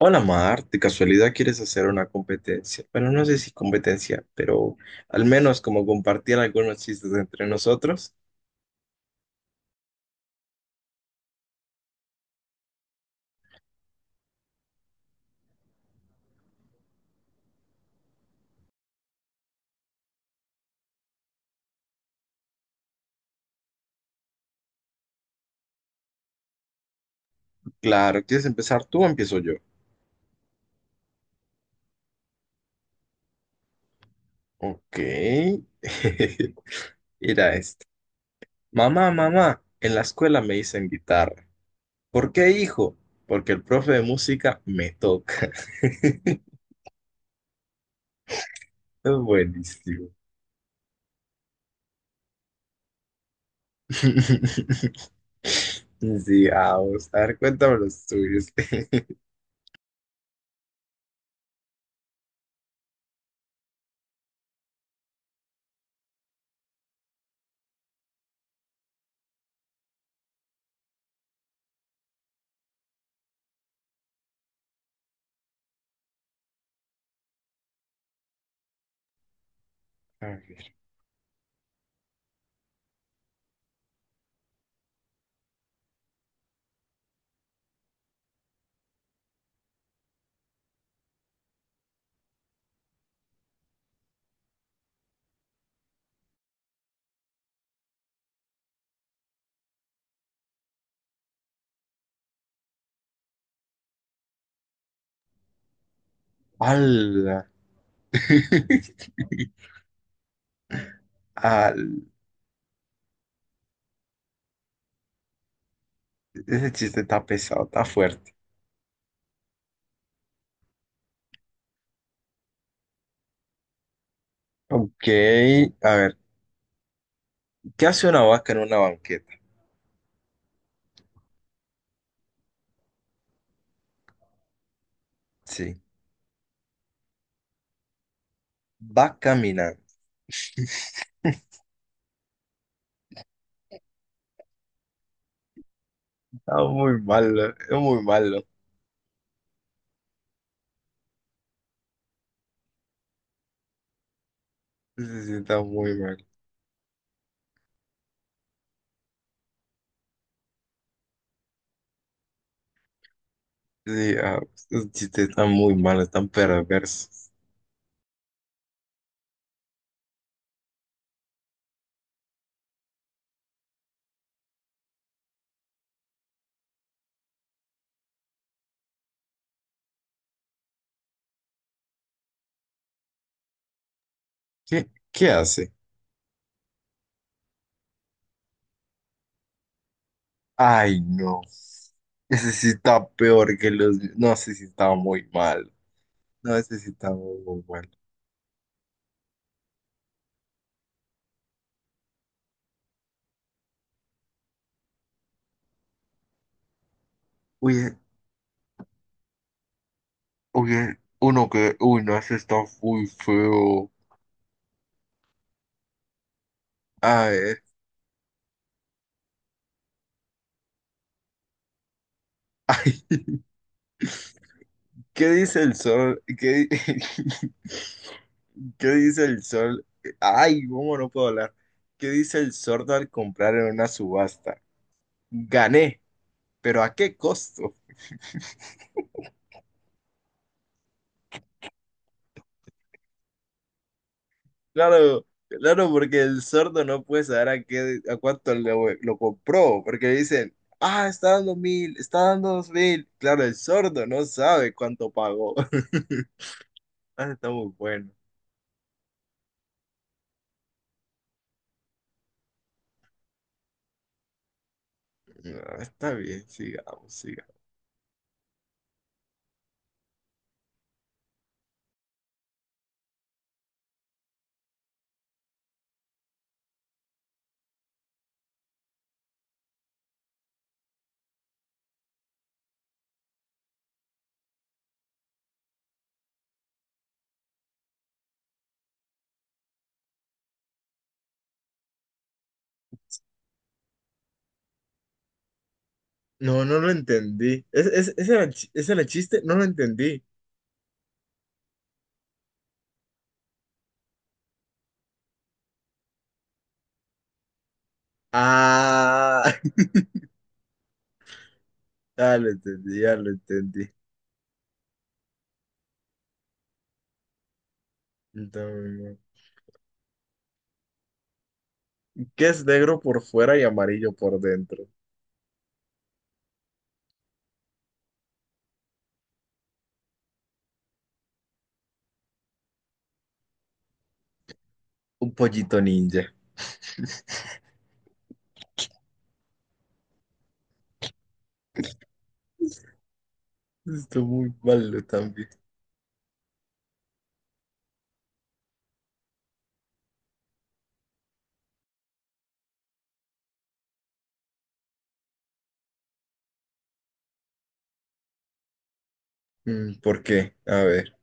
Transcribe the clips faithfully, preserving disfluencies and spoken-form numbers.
Hola Mar, ¿de casualidad quieres hacer una competencia? Bueno, no sé si competencia, pero al menos como compartir algunos chistes entre nosotros. Claro, ¿quieres empezar tú o empiezo yo? Ok. Mira este. Mamá, mamá, en la escuela me dicen guitarra. ¿Por qué, hijo? Porque el profe de música me toca. Es buenísimo. Sí, vamos. A ver, cuéntame los tuyos. A ver. ¡Hala! Ah, ese chiste está pesado, está fuerte. Ok, a ver, ¿qué hace una vaca en una banqueta? Sí, va caminando. Está muy malo, es muy malo. Sí, sí, está muy malo. Sí, ah, esos chistes están muy malos, están perversos. ¿Qué, qué hace? Ay, no. Ese sí está peor que los... No, sé si está muy mal. No, ese sí está muy, muy mal. Oye, oye, uno que... Uy, no, ese está muy feo. Ay, ay, ¿qué dice el sol? ¿Qué, di- qué dice el sol? Ay, ¿cómo no puedo hablar? ¿Qué dice el sordo al comprar en una subasta? Gané, pero ¿a qué costo? Claro, claro, porque el sordo no puede saber a qué, a cuánto lo, lo compró, porque le dicen, ah, está dando mil, está dando dos mil. Claro, el sordo no sabe cuánto pagó. Ah, está muy bueno. Ah, está bien, sigamos, sigamos. No, no lo entendí. ¿Es, es, ¿ese era el, chi- ese era el chiste? No lo entendí. Ah, ya lo entendí, ya lo entendí. Entonces, ¿qué es negro por fuera y amarillo por dentro? Un pollito ninja. Está muy malo también. Mm, ¿por qué? A ver.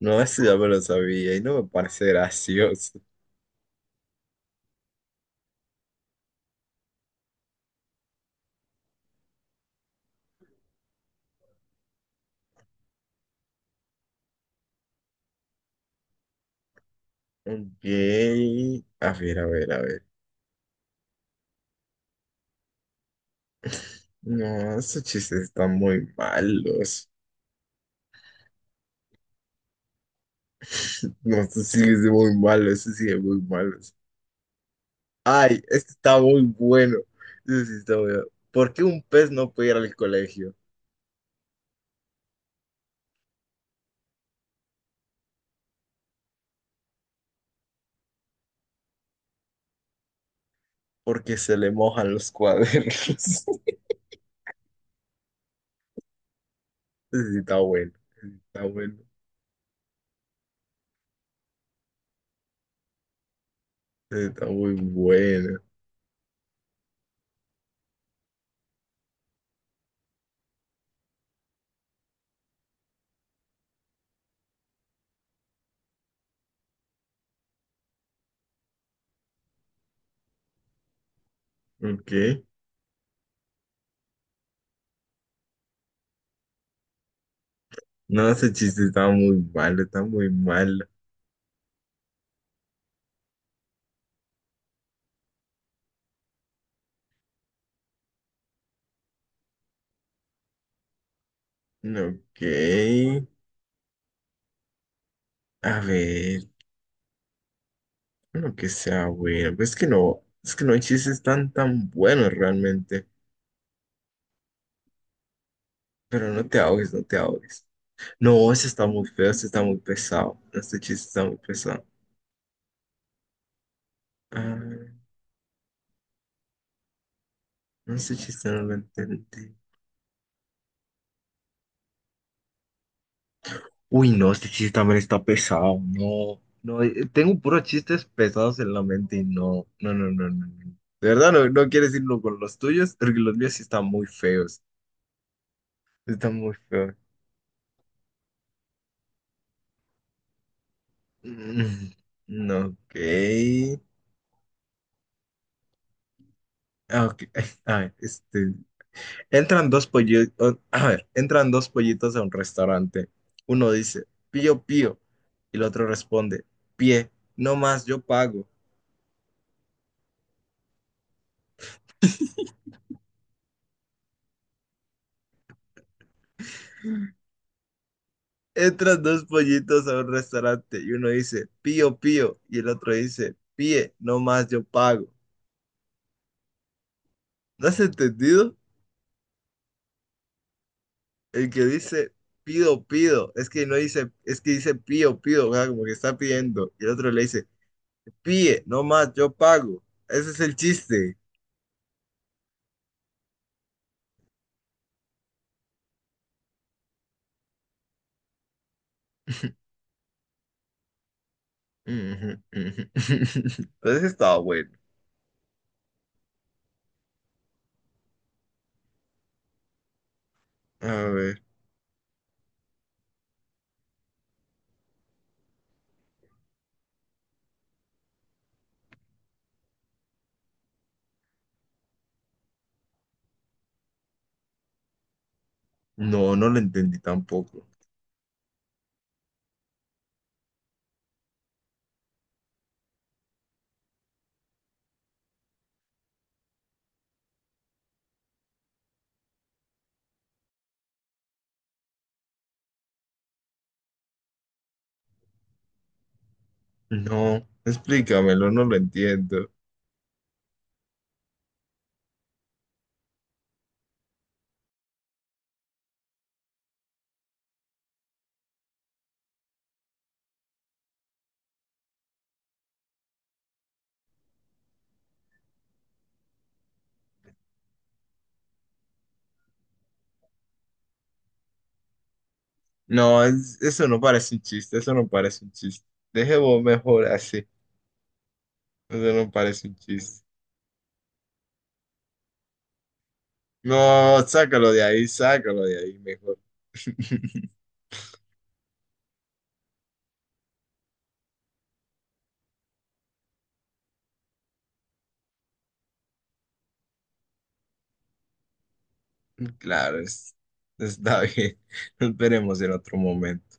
No, eso ya me lo sabía y no me parece gracioso. Ok. A ver, a ver, a ver. No, esos chistes están muy malos. No, esos sí es muy malo, eso sí es muy malo. Ay, este está muy bueno. Ese sí está bueno. ¿Por qué un pez no puede ir al colegio? Porque se le mojan los cuadernos. Ese sí está bueno. Ese sí está bueno. Ese sí está muy bueno. Ok. No, ese chiste está muy malo, está muy malo. Ok. A ver, bueno que sea bueno. Pues es que no, es que no hay chistes tan tan buenos realmente. Pero no te ahogues, no te ahogues. No, ese está muy feo, ese está muy pesado. Este chiste está muy pesado. Ah, no sé si no lo entendí. Uy, no, este chiste también está pesado. No, no, eh, tengo puros chistes pesados en la mente y no, no, no, no, no. no. De verdad, no, no quieres irlo con los tuyos, porque los míos sí están muy feos. Están muy feos. Mm, no, ok. Ah, ok. A ver, este. Entran dos pollitos. A ver, entran dos pollitos a un restaurante. Uno dice, pío, pío. Y el otro responde, pie, no más, yo pago. Entran dos pollitos a un restaurante y uno dice, pío, pío, y el otro dice, píe, no más yo pago. ¿No has entendido? El que dice, pido, pido, es que no dice, es que dice, pío, pío, o sea, como que está pidiendo. Y el otro le dice, píe, no más yo pago. Ese es el chiste. Entonces estaba bueno. A ver. No, no lo entendí tampoco. No, explícamelo, no lo entiendo. No, es- eso no parece un chiste, eso no parece un chiste. Dejemos mejor así, eso no parece un chiste. No, sácalo de ahí, sácalo de ahí mejor. Claro, es, está bien. Nos veremos en otro momento.